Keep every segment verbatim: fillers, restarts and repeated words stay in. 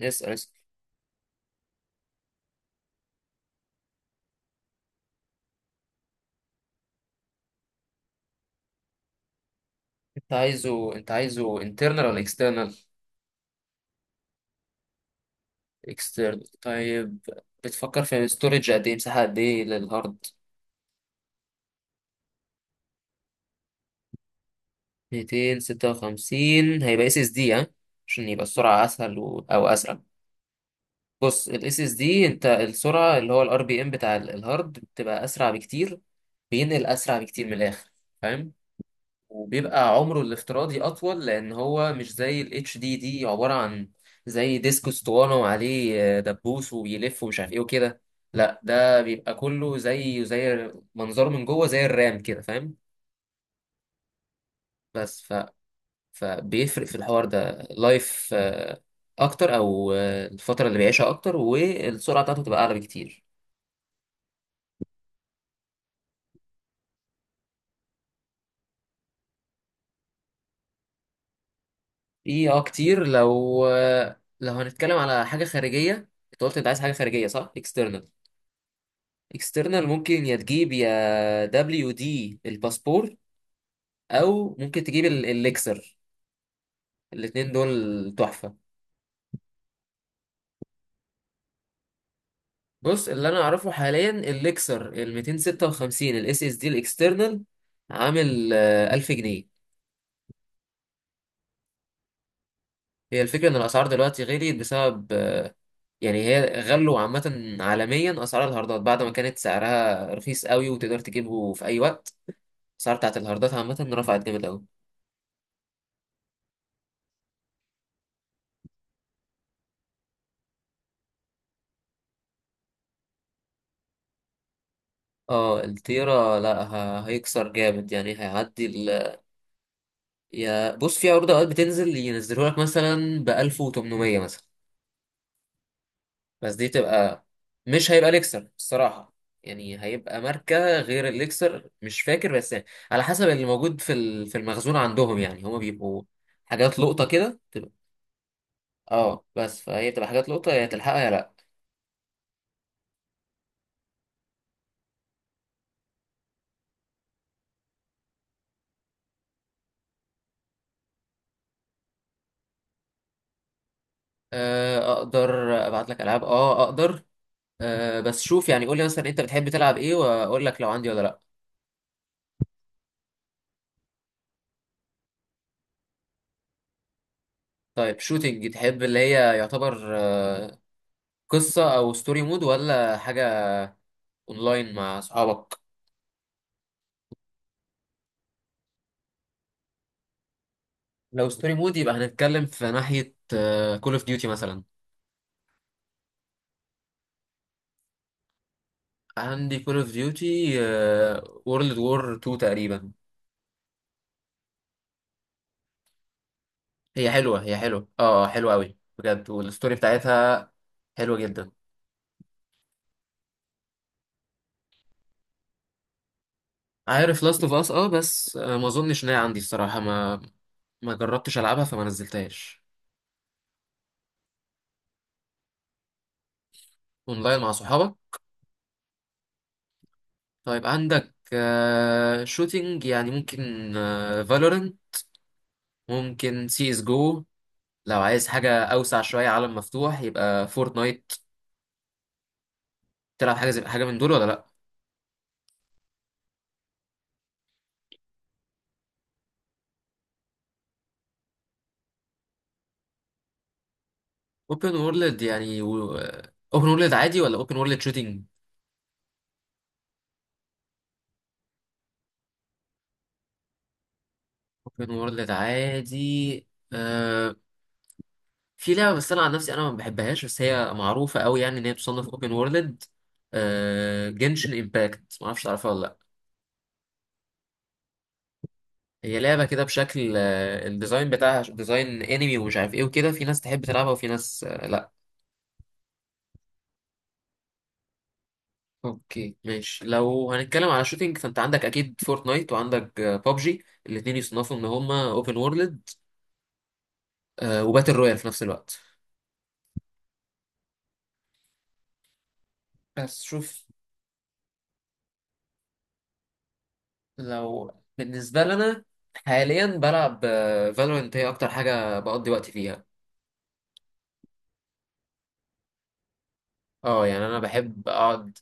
اسأل، اسأل. انت عايزه انت عايزه internal ولا external. External، طيب. بتفكر في storage قد ايه، مساحة قد ايه للهارد؟ ميتين وستة وخمسين هيبقى اس اس دي، ها. عشان يبقى السرعة اسهل، و... او اسرع. بص، الاس اس دي انت السرعة اللي هو الار بي ام بتاع ال- الهارد بتبقى اسرع بكتير. بينقل اسرع بكتير من الاخر، فاهم؟ وبيبقى عمره الافتراضي أطول، لأن هو مش زي ال اتش دي دي، عبارة عن زي ديسك اسطوانة وعليه آه، دبوس وبيلف ومش عارف إيه وكده. لا، ده بيبقى كله زي زي منظره من جوه، زي الرام كده، فاهم؟ بس ف... فبيفرق في الحوار ده لايف أكتر، أو آه، الفترة اللي بيعيشها أكتر، والسرعة بتاعته تبقى أعلى بكتير. في اه كتير. لو آه، لو هنتكلم على حاجة خارجية، أنت قلت أنت عايز حاجة خارجية، صح؟ External، اكسترنال ممكن يا تجيب يا دبليو دي الباسبور، او ممكن تجيب ال- الليكسر. الاتنين دول تحفة. بص، اللي انا اعرفه حاليا الليكسر ال ميتين وستة وخمسين الاس اس دي الاكسترنال، عامل آه، ألف جنيه. هي الفكرة ان الاسعار دلوقتي غليت بسبب، آه، يعني هي غلوا عامة عالميا، اسعار الهاردات بعد ما كانت سعرها رخيص قوي وتقدر تجيبه في اي وقت. الاسعار بتاعت الهاردات عامة رفعت جامد قوي. اه، التيرا لا ه- هيكسر جامد، يعني هيعدي. يا بص، في عروض اوقات بتنزل، ينزلوا لك مثلا ب ألف وتمنمية مثلا. بس دي تبقى، مش هيبقى ليكسر الصراحه، يعني هيبقى ماركه غير الليكسر، مش فاكر بس يعني. على حسب اللي موجود في ال- في المخزون عندهم، يعني هما بيبقوا حاجات لقطه كده، تبقى اه، بس فهي بتبقى حاجات لقطه، يا تلحقها يا لا. آه، اقدر ابعت لك العاب، اه اقدر. أه، بس شوف، يعني قول لي مثلا انت بتحب تلعب ايه واقول لك لو عندي ولا لا. طيب، شوتينج تحب اللي هي يعتبر آه، قصة أو ستوري مود ولا حاجة؟ أونلاين مع أصحابك؟ لو ستوري مود يبقى هنتكلم في ناحية كول اوف ديوتي مثلا. عندي كول اوف ديوتي وورلد وور اتنين تقريبا. هي حلوة، هي حلوة، اه، حلوة أوي بجد، والستوري بتاعتها حلوة جدا. عارف لاست اوف اس، اه بس آه، ما اظنش ان هي عندي الصراحة، ما ما جربتش العبها فما نزلتهاش. اونلاين مع صحابك. طيب، عندك آه شوتينج، يعني ممكن آه فالورنت، ممكن سي اس جو. لو عايز حاجة أوسع شوية، عالم مفتوح، يبقى فورتنايت. تلعب حاجة زي حاجة من دول ولا لأ؟ أوبن وورلد، يعني و... أوبن وورلد عادي ولا أوبن وورلد شوتينج؟ أوبن وورلد عادي. آه... في لعبة، بس أنا عن نفسي أنا ما بحبهاش، بس هي معروفة أوي، يعني إن هي تصنف أوبن وورلد. آه... جنشن إمباكت، معرفش تعرفها ولا لأ؟ هي لعبة كده بشكل، آه... الديزاين بتاعها ديزاين أنمي ومش عارف إيه وكده، في ناس تحب تلعبها وفي ناس آه... لأ. اوكي، ماشي. لو هنتكلم على شوتينج فانت عندك اكيد فورتنايت وعندك بابجي، الاثنين يصنفوا ان هما اوبن وورلد وباتل رويال في نفس الوقت. بس شوف، لو بالنسبه لنا حاليا بلعب فالورنت، هي اكتر حاجه بقضي وقتي فيها. اه، يعني انا بحب اقعد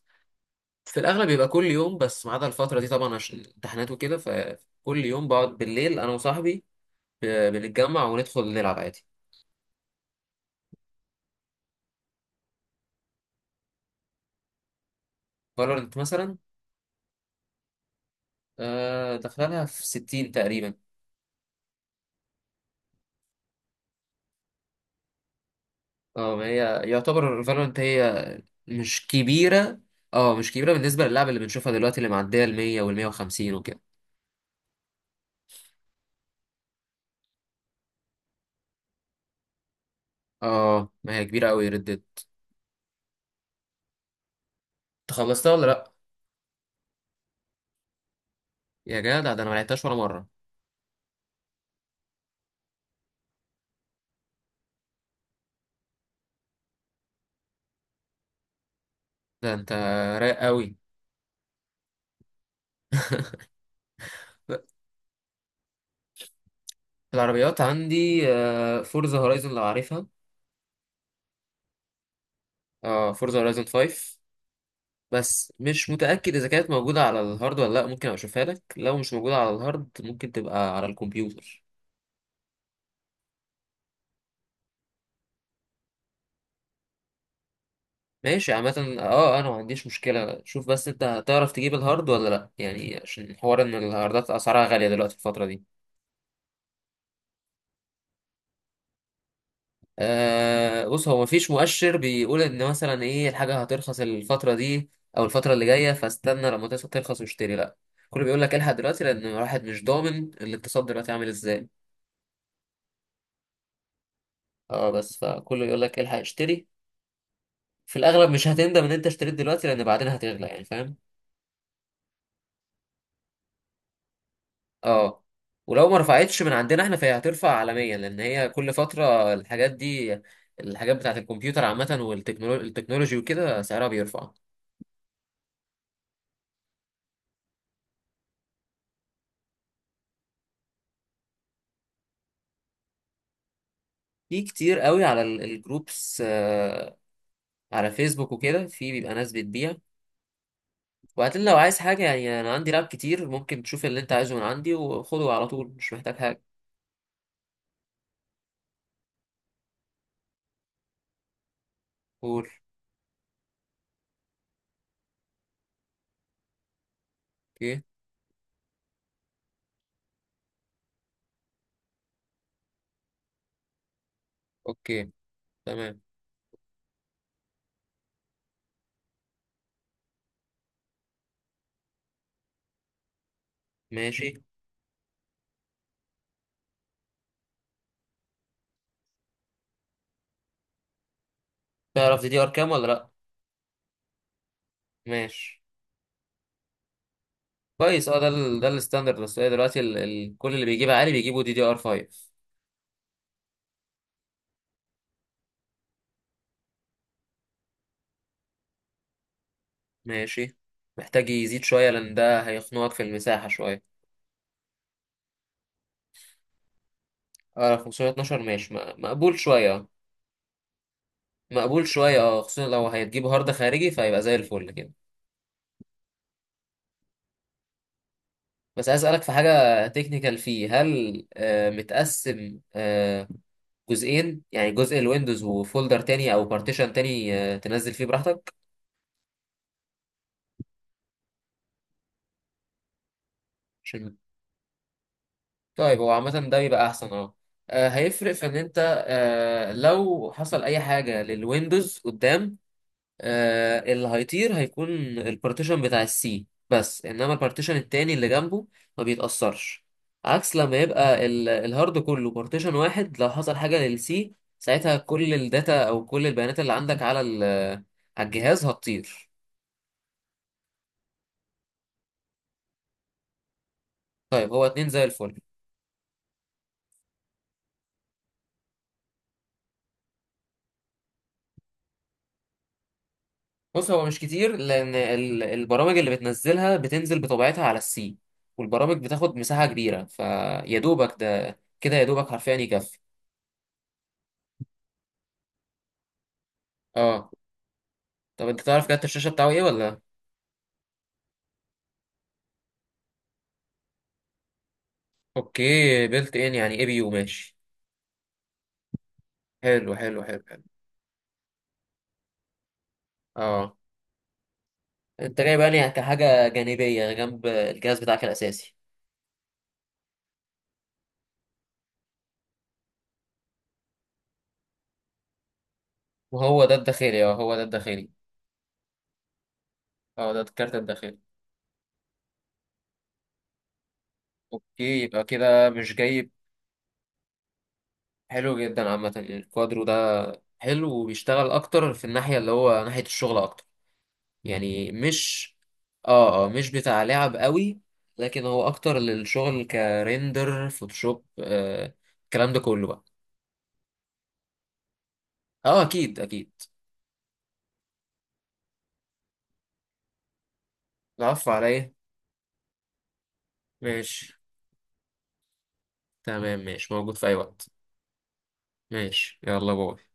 في الاغلب، بيبقى كل يوم بس ما عدا الفتره دي طبعا عشان امتحانات وكده، فكل يوم بقعد بالليل انا وصاحبي، ب- بنتجمع وندخل نلعب عادي. فالورنت مثلا، آه، داخلها في ستين تقريبا. اه، ما هي يعتبر فالورنت هي مش كبيرة. اه، مش كبيرة بالنسبة للعبة اللي بنشوفها دلوقتي، اللي معدية ال مية وال مية وخمسين وكده. اه، ما هي كبيرة قوي ريد ديد. انت خلصتها ولا لأ؟ يا جدع، ده انا ما لعبتهاش ولا مرة. ده انت رايق قوي. في العربيات عندي آه فورزا هورايزون، لو عارفها، اه، فورزا هورايزون خمسة. بس مش متأكد إذا كانت موجودة على الهارد ولا لأ، ممكن أبقى أشوفها لك، لو مش موجودة على الهارد ممكن تبقى على الكمبيوتر. ماشي، عامة اه، انا ما عنديش مشكلة. شوف بس، انت هتعرف تجيب الهارد ولا لا يعني، عشان حوار ان الهاردات اسعارها غالية دلوقتي الفترة دي. آه بص، هو مفيش مؤشر بيقول ان مثلا ايه الحاجة هترخص الفترة دي او الفترة اللي جاية، فاستنى لما تس- ترخص واشتري، لا. كله بيقول لك الحق دلوقتي، لان الواحد مش ضامن الاقتصاد دلوقتي عامل ازاي. اه، بس فكله يقول لك الحق اشتري، في الاغلب مش هتندم ان انت اشتريت دلوقتي، لان بعدين هتغلى يعني، فاهم؟ اه. ولو ما رفعتش من عندنا احنا فهي هترفع عالميا، لان هي كل فتره الحاجات دي، الحاجات بتاعت الكمبيوتر عامه، والتكنولوجي التكنولوجي وكده سعرها بيرفع. في كتير قوي على ال- الجروبس، آه، على فيسبوك وكده، في بيبقى ناس بتبيع. وبعدين لو عايز حاجه يعني، انا عندي لاب كتير، ممكن تشوف اللي انت عايزه من عندي وخده على طول، مش محتاج حاجه. قول. اوكي. اوكي، تمام، ماشي. تعرف دي دي ار كام ولا لا؟ ماشي. كويس، اه، ده ال ده الستاندرد، بس هي دلوقتي ال ال كل اللي بيجيب عالي بيجيبوا دي دي ار خمسة. ماشي. محتاج يزيد شويه، لان ده هيخنقك في المساحه شويه. اه، خمسمية واتناشر ماشي، م- مقبول شويه، آه، مقبول شويه، اه خصوصا لو هتجيب هارد خارجي فهيبقى زي الفل كده. بس عايز اسالك في حاجه تكنيكال فيه، هل آه متقسم آه جزئين، يعني جزء الويندوز وفولدر تاني او بارتيشن تاني آه تنزل فيه براحتك؟ عشان، طيب هو عامة ده بيبقى أحسن، أه. آه، هيفرق في إن أنت، آه، لو حصل أي حاجة للويندوز قدام، آه، اللي هيطير هيكون البارتيشن بتاع السي بس، إنما البارتيشن التاني اللي جنبه ما بيتأثرش. عكس لما يبقى ال- الهارد كله بارتيشن واحد، لو حصل حاجة للسي ساعتها كل الداتا أو كل البيانات اللي عندك على ال- على الجهاز هتطير. طيب هو اتنين زي الفل. بص، هو مش كتير، لان ال- البرامج اللي بتنزلها بتنزل بطبيعتها على السي، والبرامج بتاخد مساحه كبيره، فيا دوبك ده كده، يا دوبك حرفيا يكفي. اه. طب انت تعرف كارت الشاشه بتاعه ايه ولا؟ اوكي، بيلت ان يعني اي بي يو، ماشي. حلو، حلو، حلو، حلو. اه، انت جاي بقى لي كحاجه جانبيه جنب الجهاز بتاعك الاساسي. وهو ده الداخلي، اه هو ده الداخلي. اه، ده الكارت الداخلي. اوكي، يبقى كده مش جاي. حلو جدا، عامة الكوادرو ده حلو، وبيشتغل أكتر في الناحية، اللي هو ناحية الشغل أكتر، يعني مش، آه آه مش بتاع لعب قوي، لكن هو أكتر للشغل، كريندر، فوتوشوب، آه الكلام ده كله بقى. آه أكيد، أكيد. العفو عليا. ماشي. تمام، ماشي، موجود في أي وقت. ماشي، يلا باي.